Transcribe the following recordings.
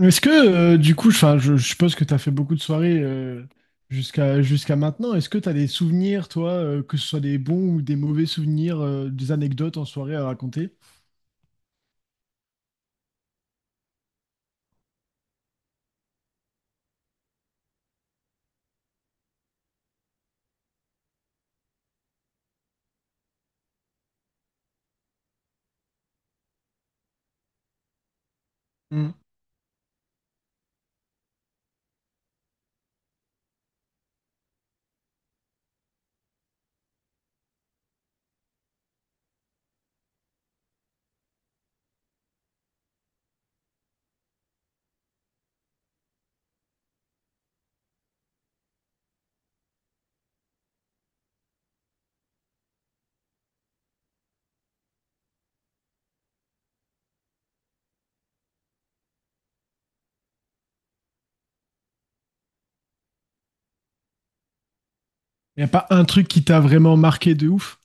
Est-ce que, je suppose que tu as fait beaucoup de soirées jusqu'à maintenant. Est-ce que tu as des souvenirs, toi, que ce soit des bons ou des mauvais souvenirs, des anecdotes en soirée à raconter? Il n'y a pas un truc qui t'a vraiment marqué de ouf?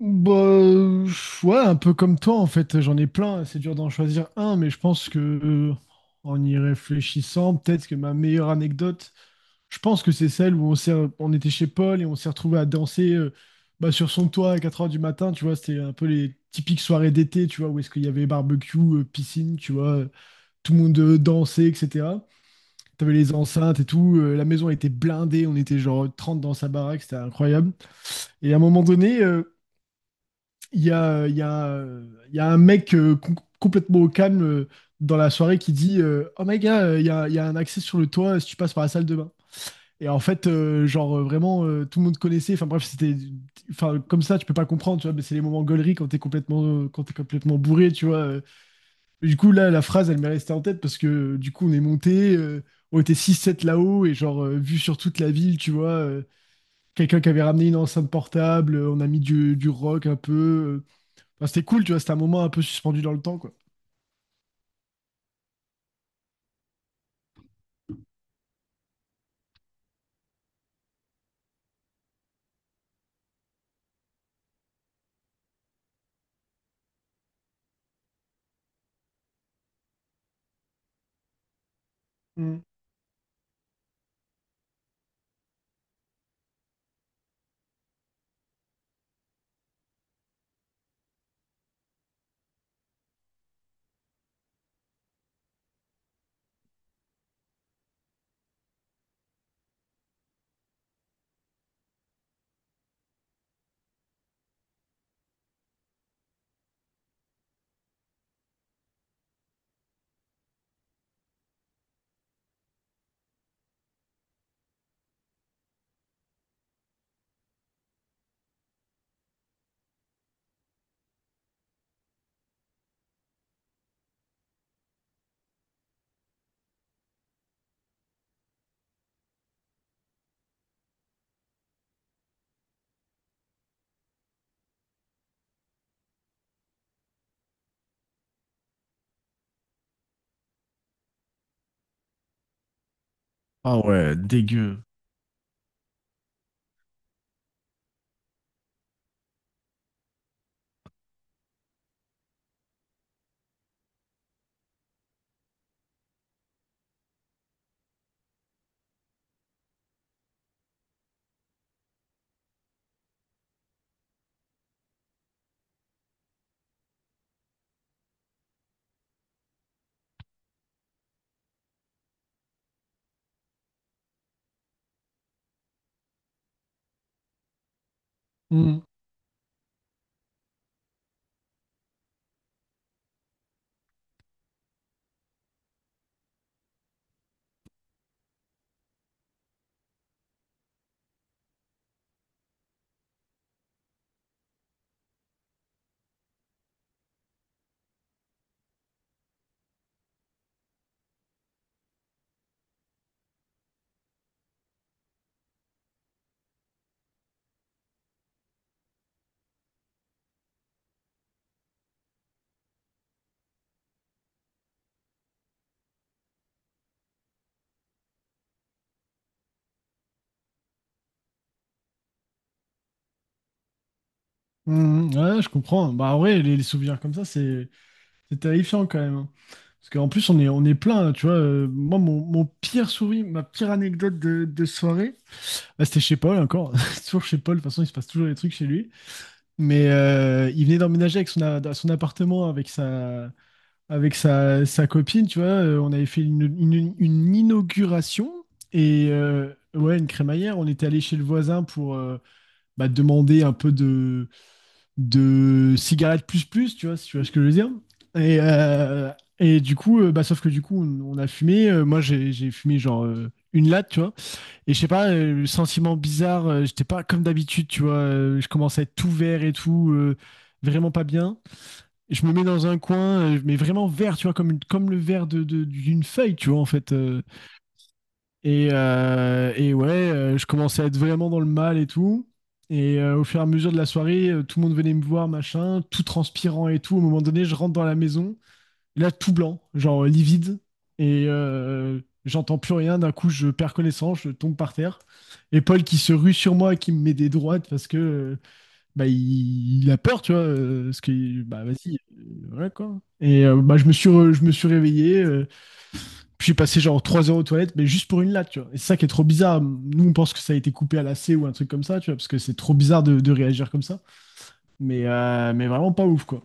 Bah, ouais, un peu comme toi, en fait. J'en ai plein. C'est dur d'en choisir un, mais je pense que, en y réfléchissant, peut-être que ma meilleure anecdote. Je pense que c'est celle où on était chez Paul et on s'est retrouvé à danser bah, sur son toit à 4h du matin, tu vois, c'était un peu les typiques soirées d'été, tu vois, où est-ce qu'il y avait barbecue, piscine, tu vois, tout le monde dansait, etc. T'avais les enceintes et tout, la maison était blindée, on était genre 30 dans sa baraque, c'était incroyable. Et à un moment donné, il y a, il y a, il y a un mec complètement au calme dans la soirée qui dit Oh my gars, il y a un accès sur le toit si tu passes par la salle de bain. Et en fait, vraiment, tout le monde connaissait. Enfin bref, enfin comme ça, tu peux pas comprendre, tu vois. Mais c'est les moments gaulerie quand t'es complètement bourré, tu vois. Et du coup là, la phrase, elle m'est restée en tête parce que on est monté, on était 6 7 là-haut et vu sur toute la ville, tu vois. Quelqu'un qui avait ramené une enceinte portable, on a mis du rock un peu. Enfin, c'était cool, tu vois. C'était un moment un peu suspendu dans le temps, quoi. Mm. Ah ouais, dégueu. Mm. Mm. Ouais, je comprends. Bah, en vrai, les souvenirs comme ça, c'est terrifiant quand même. Hein. Parce qu'en plus, on est plein, tu vois. Mon pire souvenir, ma pire anecdote de soirée, bah c'était chez Paul encore. C'est toujours chez Paul. De toute façon, il se passe toujours des trucs chez lui. Mais il venait d'emménager avec dans son appartement avec sa copine, tu vois. On avait fait une inauguration et ouais, une crémaillère. On était allé chez le voisin pour bah, demander un peu de cigarettes plus plus, tu vois, si tu vois ce que je veux dire. Et, euh, et du coup, bah, sauf que du coup, on a fumé. Moi, j'ai fumé une latte, tu vois. Et je sais pas, le sentiment bizarre, j'étais pas comme d'habitude, tu vois, je commence à être tout vert et tout, vraiment pas bien. Et je me mets dans un coin, mais vraiment vert, tu vois, comme le vert d'une feuille, tu vois, en fait. Et ouais, je commençais à être vraiment dans le mal et tout. Et au fur et à mesure de la soirée, tout le monde venait me voir, machin, tout transpirant et tout. Au moment donné, je rentre dans la maison. Là, tout blanc, genre livide. Et euh, J'entends plus rien. D'un coup, je perds connaissance, je tombe par terre. Et Paul qui se rue sur moi, et qui me met des droites parce que bah, il a peur, tu vois. Parce que, bah vas-y, voilà quoi. Et bah, je me suis réveillé. Puis j'ai passé genre 3 heures aux toilettes, mais juste pour une latte, tu vois. Et c'est ça qui est trop bizarre. Nous, on pense que ça a été coupé à la C ou un truc comme ça, tu vois, parce que c'est trop bizarre de réagir comme ça. Mais vraiment pas ouf, quoi.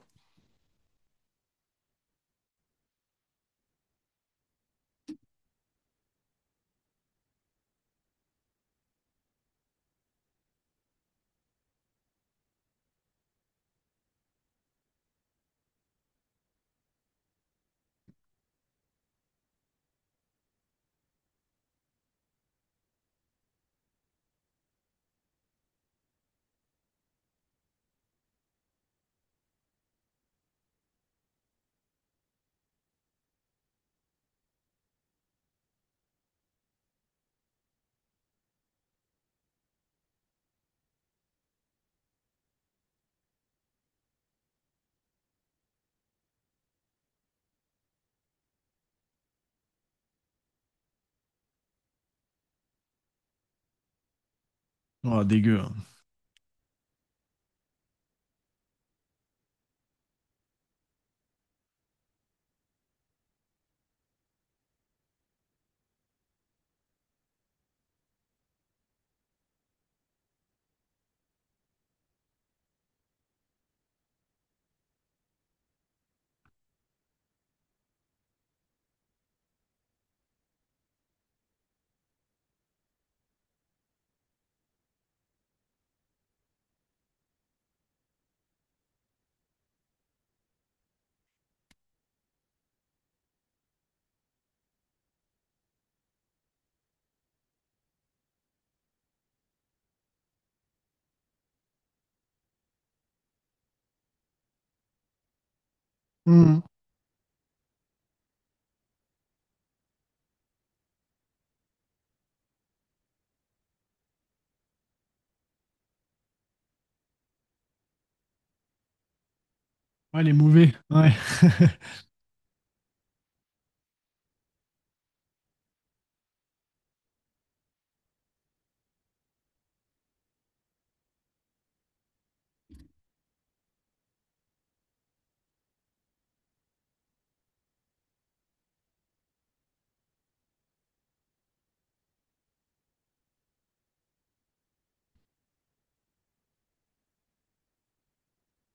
Oh, dégueu. Hein. Mhm. Ouais, les mauvais. Ouais.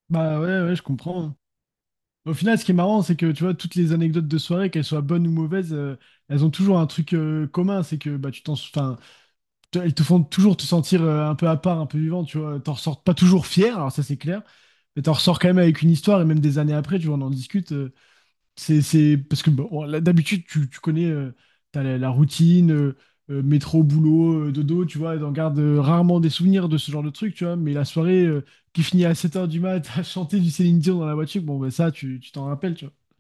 Bah ouais, ouais, je comprends. Au final, ce qui est marrant, c'est que tu vois, toutes les anecdotes de soirée, qu'elles soient bonnes ou mauvaises, elles ont toujours un truc commun, c'est que bah, tu t'en, enfin, te- elles te font toujours te sentir un peu à part, un peu vivant, tu vois. T'en ressors pas toujours fier, alors ça c'est clair, mais t'en ressors quand même avec une histoire, et même des années après, tu vois, on en discute. C'est parce que bon, là, d'habitude, tu connais, la routine, métro, boulot, dodo, tu vois, t'en gardes rarement des souvenirs de ce genre de truc, tu vois, mais la soirée qui finit à 7 heures du mat à chanter du Céline Dion dans la voiture, bon, bah, ça, tu t'en rappelles, tu vois.